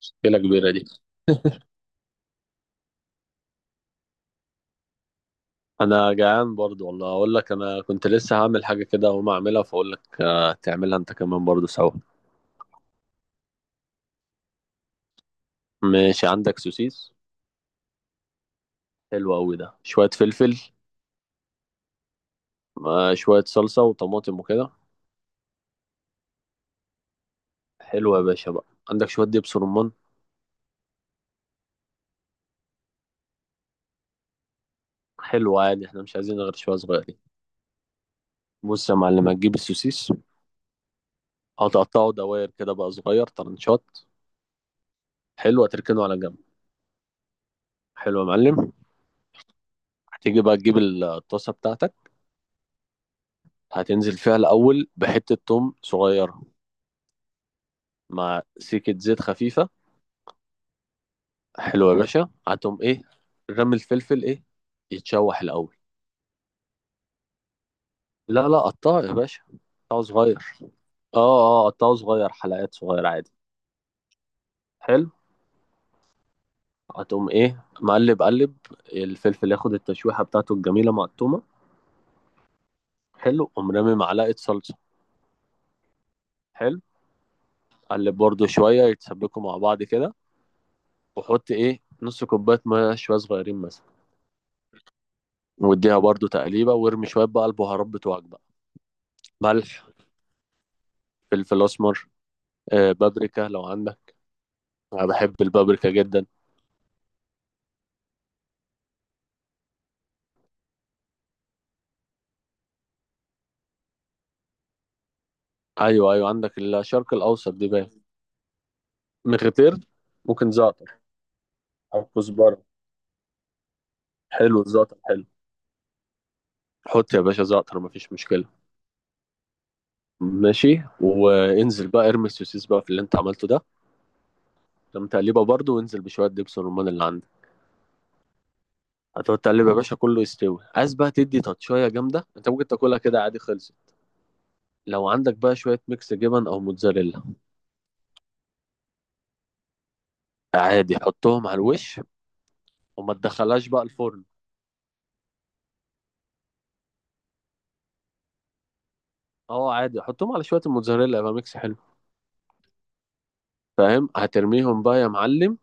مشكلة كبيرة دي. أنا جعان برضو والله أقول لك، أنا كنت لسه هعمل حاجة كده وما أعملها فأقول لك آه، تعملها أنت كمان برضو سوا. ماشي عندك سوسيس؟ حلو أوي، ده شوية فلفل مع شوية صلصة وطماطم وكده. حلو يا باشا بقى. عندك شوية دبس رمان؟ حلو عادي، احنا مش عايزين غير شوية صغيرين. بص يا معلم، هتجيب السوسيس، هتقطعه دواير كده بقى صغير طرنشات. حلو، هتركنه على جنب. حلو يا معلم. هتيجي بقى تجيب الطاسة بتاعتك، هتنزل فيها الأول بحتة توم صغيرة مع سكة زيت خفيفة. حلوة يا باشا، هاتهم ايه، رمي الفلفل ايه، يتشوح الأول. لا لا، قطعه يا باشا، قطعه صغير. اه اه قطعه صغير، حلقات صغيرة عادي. حلو. هتقوم ايه مقلب قلب، الفلفل ياخد التشويحة بتاعته الجميلة مع التومة. حلو، قوم رامي معلقة صلصة. حلو، قلب برضو شوية يتسبكوا مع بعض كده، وحط ايه نص كوباية مية شوية صغيرين مثلا، واديها برضو تقليبة وارمي شوية بقى البهارات بتوعك بقى: ملح، فلفل أسمر، آه، بابريكا لو عندك. انا بحب البابريكا جدا. ايوه ايوه، عندك الشرق الاوسط دي باين، مغتير، ممكن زعتر او كزبره. حلو الزعتر حلو. حط يا باشا زعتر مفيش مشكله. ماشي، وانزل بقى ارمي السوسيس بقى في اللي انت عملته ده، لما تقلبها برضه وانزل بشويه دبس الرمان اللي عندك. هتقعد تقلب يا باشا كله يستوي، عايز بقى تدي تاتشايه جامده، انت ممكن تاكلها كده عادي، خلصت. لو عندك بقى شويه ميكس جبن او موتزاريلا عادي، حطهم على الوش، وما تدخلهاش بقى الفرن. اه عادي، حطهم على شويه الموتزاريلا يبقى ميكس حلو. فاهم، هترميهم بقى يا معلم،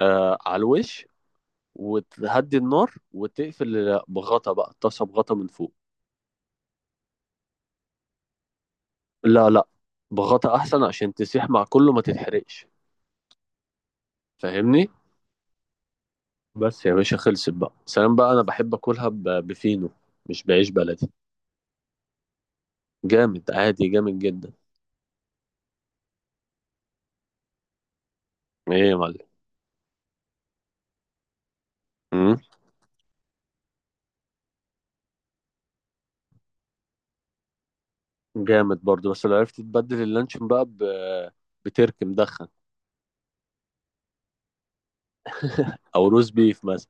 آه على الوش، وتهدي النار وتقفل بغطا بقى الطاسه، بغطا من فوق. لا لا، بغطا احسن عشان تسيح مع كله ما تتحرقش. فاهمني، بس يا باشا خلصت بقى سلام بقى. انا بحب اكلها بفينو، مش بعيش بلدي. جامد عادي، جامد جدا. ايه يا معلم؟ مم؟ جامد برضو، بس لو عرفت تبدل اللانشون بقى بترك مدخن او روز بيف مثلا.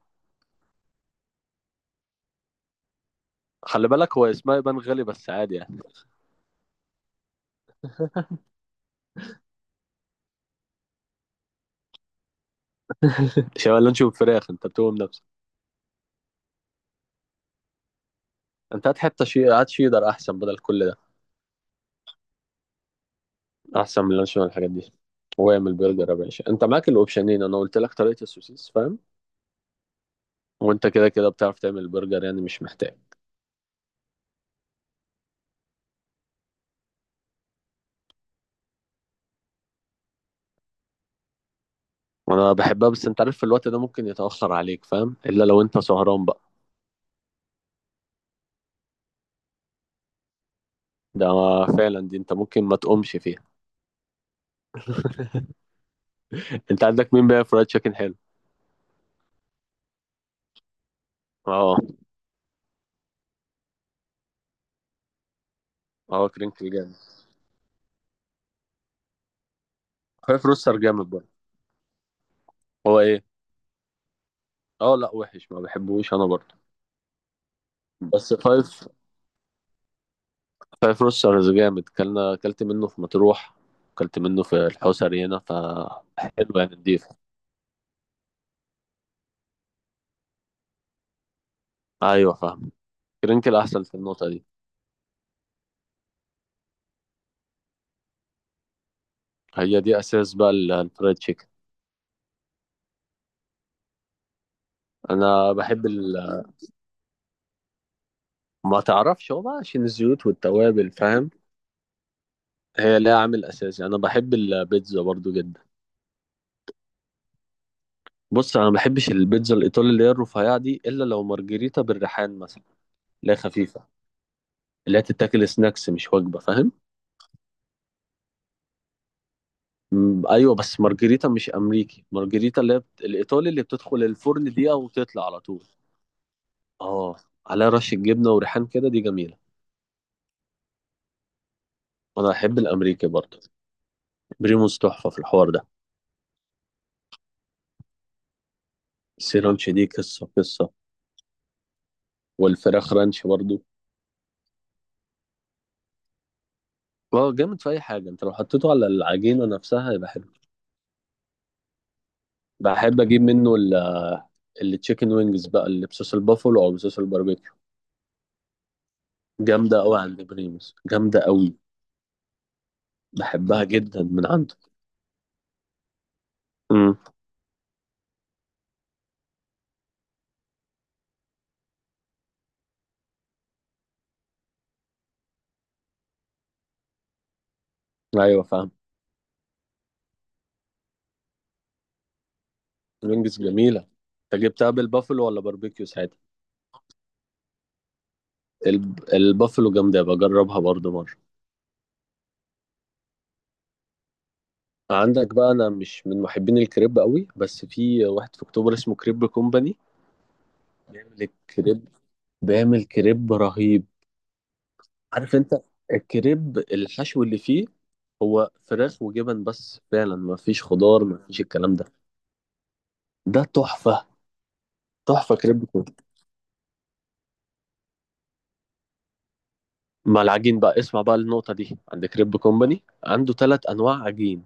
خلي بالك هو اسمها يبان غالي بس عادي يعني. شاورما وفراخ انت بتقوم نفسك. انت هات حته شي، هات شيدر احسن بدل كل ده، احسن من اللانشون والحاجات دي. واعمل برجر يا باشا، انت معاك الاوبشنين، انا قلت لك طريقه السوسيس فاهم، وانت كده كده بتعرف تعمل برجر يعني مش محتاج. وانا بحبها، بس انت عارف في الوقت ده ممكن يتاخر عليك فاهم، الا لو انت سهران بقى. ده فعلا دي انت ممكن ما تقومش فيها. انت عندك مين بقى فرايد تشيكن حلو؟ اه اه كرينكل جامد. فايف روستر جامد برضه. هو ايه؟ اه لا وحش، ما بحبوش انا برضه. بس فايف، فايف روسترز جامد، كلنا اكلت منه في مطروح، اكلت منه في الحوسري هنا فحلو يعني نضيف. ايوه فاهم. كرنكل احسن في النقطه دي. هي دي اساس بقى الفرايد تشيكن. انا بحب ما تعرفش هو بقى عشان الزيوت والتوابل فاهم، هي ليها عامل اساسي. انا بحب البيتزا برضو جدا. بص انا ما بحبش البيتزا الايطالي اللي هي الرفيعه دي الا لو مارجريتا بالريحان مثلا، اللي هي خفيفه، اللي هي تتاكل سناكس مش وجبه فاهم. مم، ايوه بس مارجريتا مش امريكي، مارجريتا اللي هي الايطالي اللي بتدخل الفرن دقيقه وتطلع على طول. اه عليها رشه جبنه وريحان كده دي جميله. انا احب الامريكي برضه. بريموس تحفه في الحوار ده. السيرانش دي قصه قصه. والفراخ رانش برضه. اه جامد في اي حاجه، انت لو حطيته على العجينه نفسها يبقى حلو. بحب اجيب منه التشيكن وينجز بقى اللي بصوص البافلو او بصوص الباربيكيو. جامده قوي عند بريموس، جامده قوي. بحبها جدا من عنده. امم ايوه فاهم. وينجز جميلة، انت جبتها بالبافلو ولا باربيكيو ساعتها؟ البافلو جامدة، بجربها برضو مرة. عندك بقى، انا مش من محبين الكريب قوي بس في واحد في اكتوبر اسمه كريب كومباني، بيعمل الكريب، بيعمل كريب رهيب. عارف انت، الكريب الحشو اللي فيه هو فراخ وجبن بس فعلا، ما فيش خضار، ما فيش الكلام ده. ده تحفة. تحفة كريب كومباني. مع العجين بقى، اسمع بقى النقطة دي، عند كريب كومباني عنده ثلاث انواع عجين: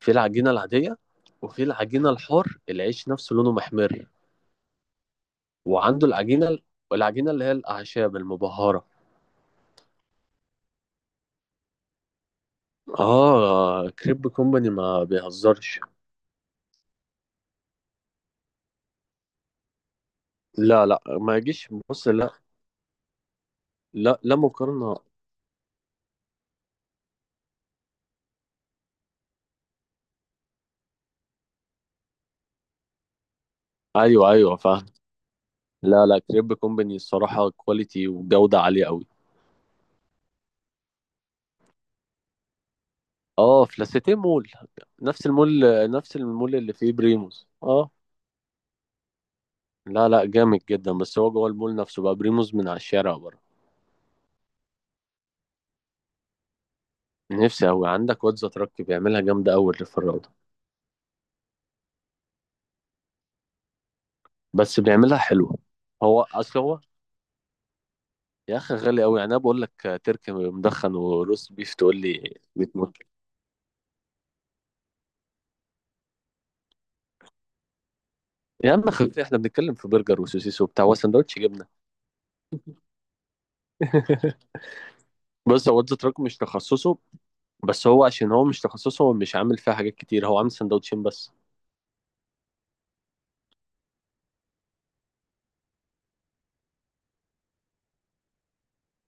في العجينة العادية، وفي العجينة الحار العيش نفسه لونه محمر، وعنده العجينة، العجينة اللي هي الأعشاب المبهرة. آه كريب كومباني ما بيهزرش. لا لا ما يجيش، بص لا. لا لا مقارنة. أيوه أيوه فاهم. لا لا كريب كومباني الصراحة كواليتي وجودة عالية أوي. آه في لاسيتيه مول، نفس المول، نفس المول اللي فيه بريموز آه. لا لا جامد جدا، بس هو جوه المول نفسه بقى، بريموز من على الشارع بره. نفسي أوي، عندك واد زتركي بيعملها جامدة أوي اللي في الروضة، بس بيعملها حلوة. هو أصل هو، يا أخي غالي أوي يعني، أنا بقول لك تركي مدخن وروس بيف تقول لي بتموت. يا عم خلي احنا بنتكلم في برجر وسوسيس وبتاع، هو سندوتش جبنة. بص هو واد زتركي مش تخصصه، بس هو عشان هو مش تخصصه هو مش عامل فيها حاجات كتير، هو عامل سندوتشين بس.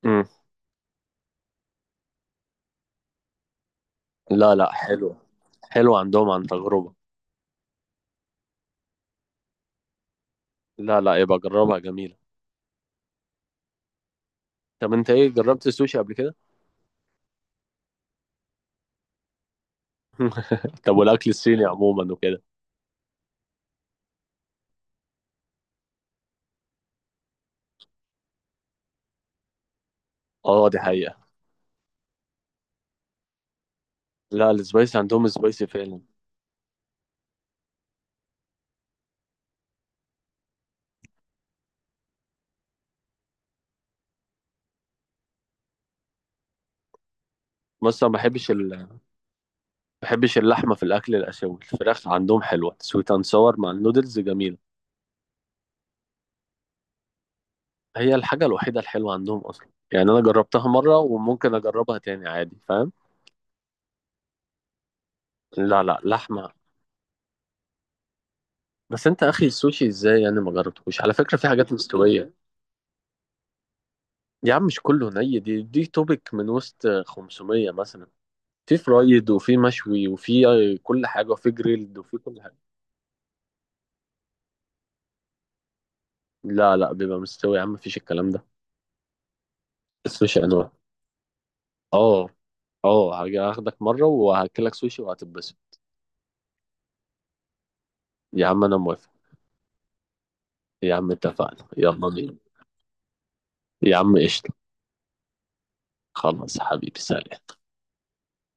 مم. لا لا حلوة، حلوة عندهم عن تجربة. لا لا يبقى جربها جميلة. طب انت ايه، جربت السوشي قبل كده؟ طب والاكل الصيني عموما وكده. اه دي حقيقة. لا السبايسي عندهم سبايسي فعلا. بس أنا ما بحبش ما بحبش اللحمة في الأكل الآسيوي، الفراخ عندهم حلوة سويت أند ساور مع النودلز جميلة. هي الحاجة الوحيدة الحلوة عندهم أصلا يعني، أنا جربتها مرة وممكن أجربها تاني عادي فاهم. لا لا لحمة. بس أنت أخي السوشي إزاي يعني ما جربتهوش؟ على فكرة في حاجات مستوية. يا عم مش كله ني، دي توبك من وسط 500 مثلا. في فرايد وفي مشوي وفي كل حاجة، وفي جريلد وفي كل حاجة. لا لا بيبقى مستوي يا عم، مفيش الكلام ده. السوشي انواع. اه اه، هاجي اخدك مره وهاكلك سوشي وهتتبسط. يا عم انا موافق. يا عم اتفقنا، يلا بينا. يا عم قشطه. خلاص حبيبي سلام.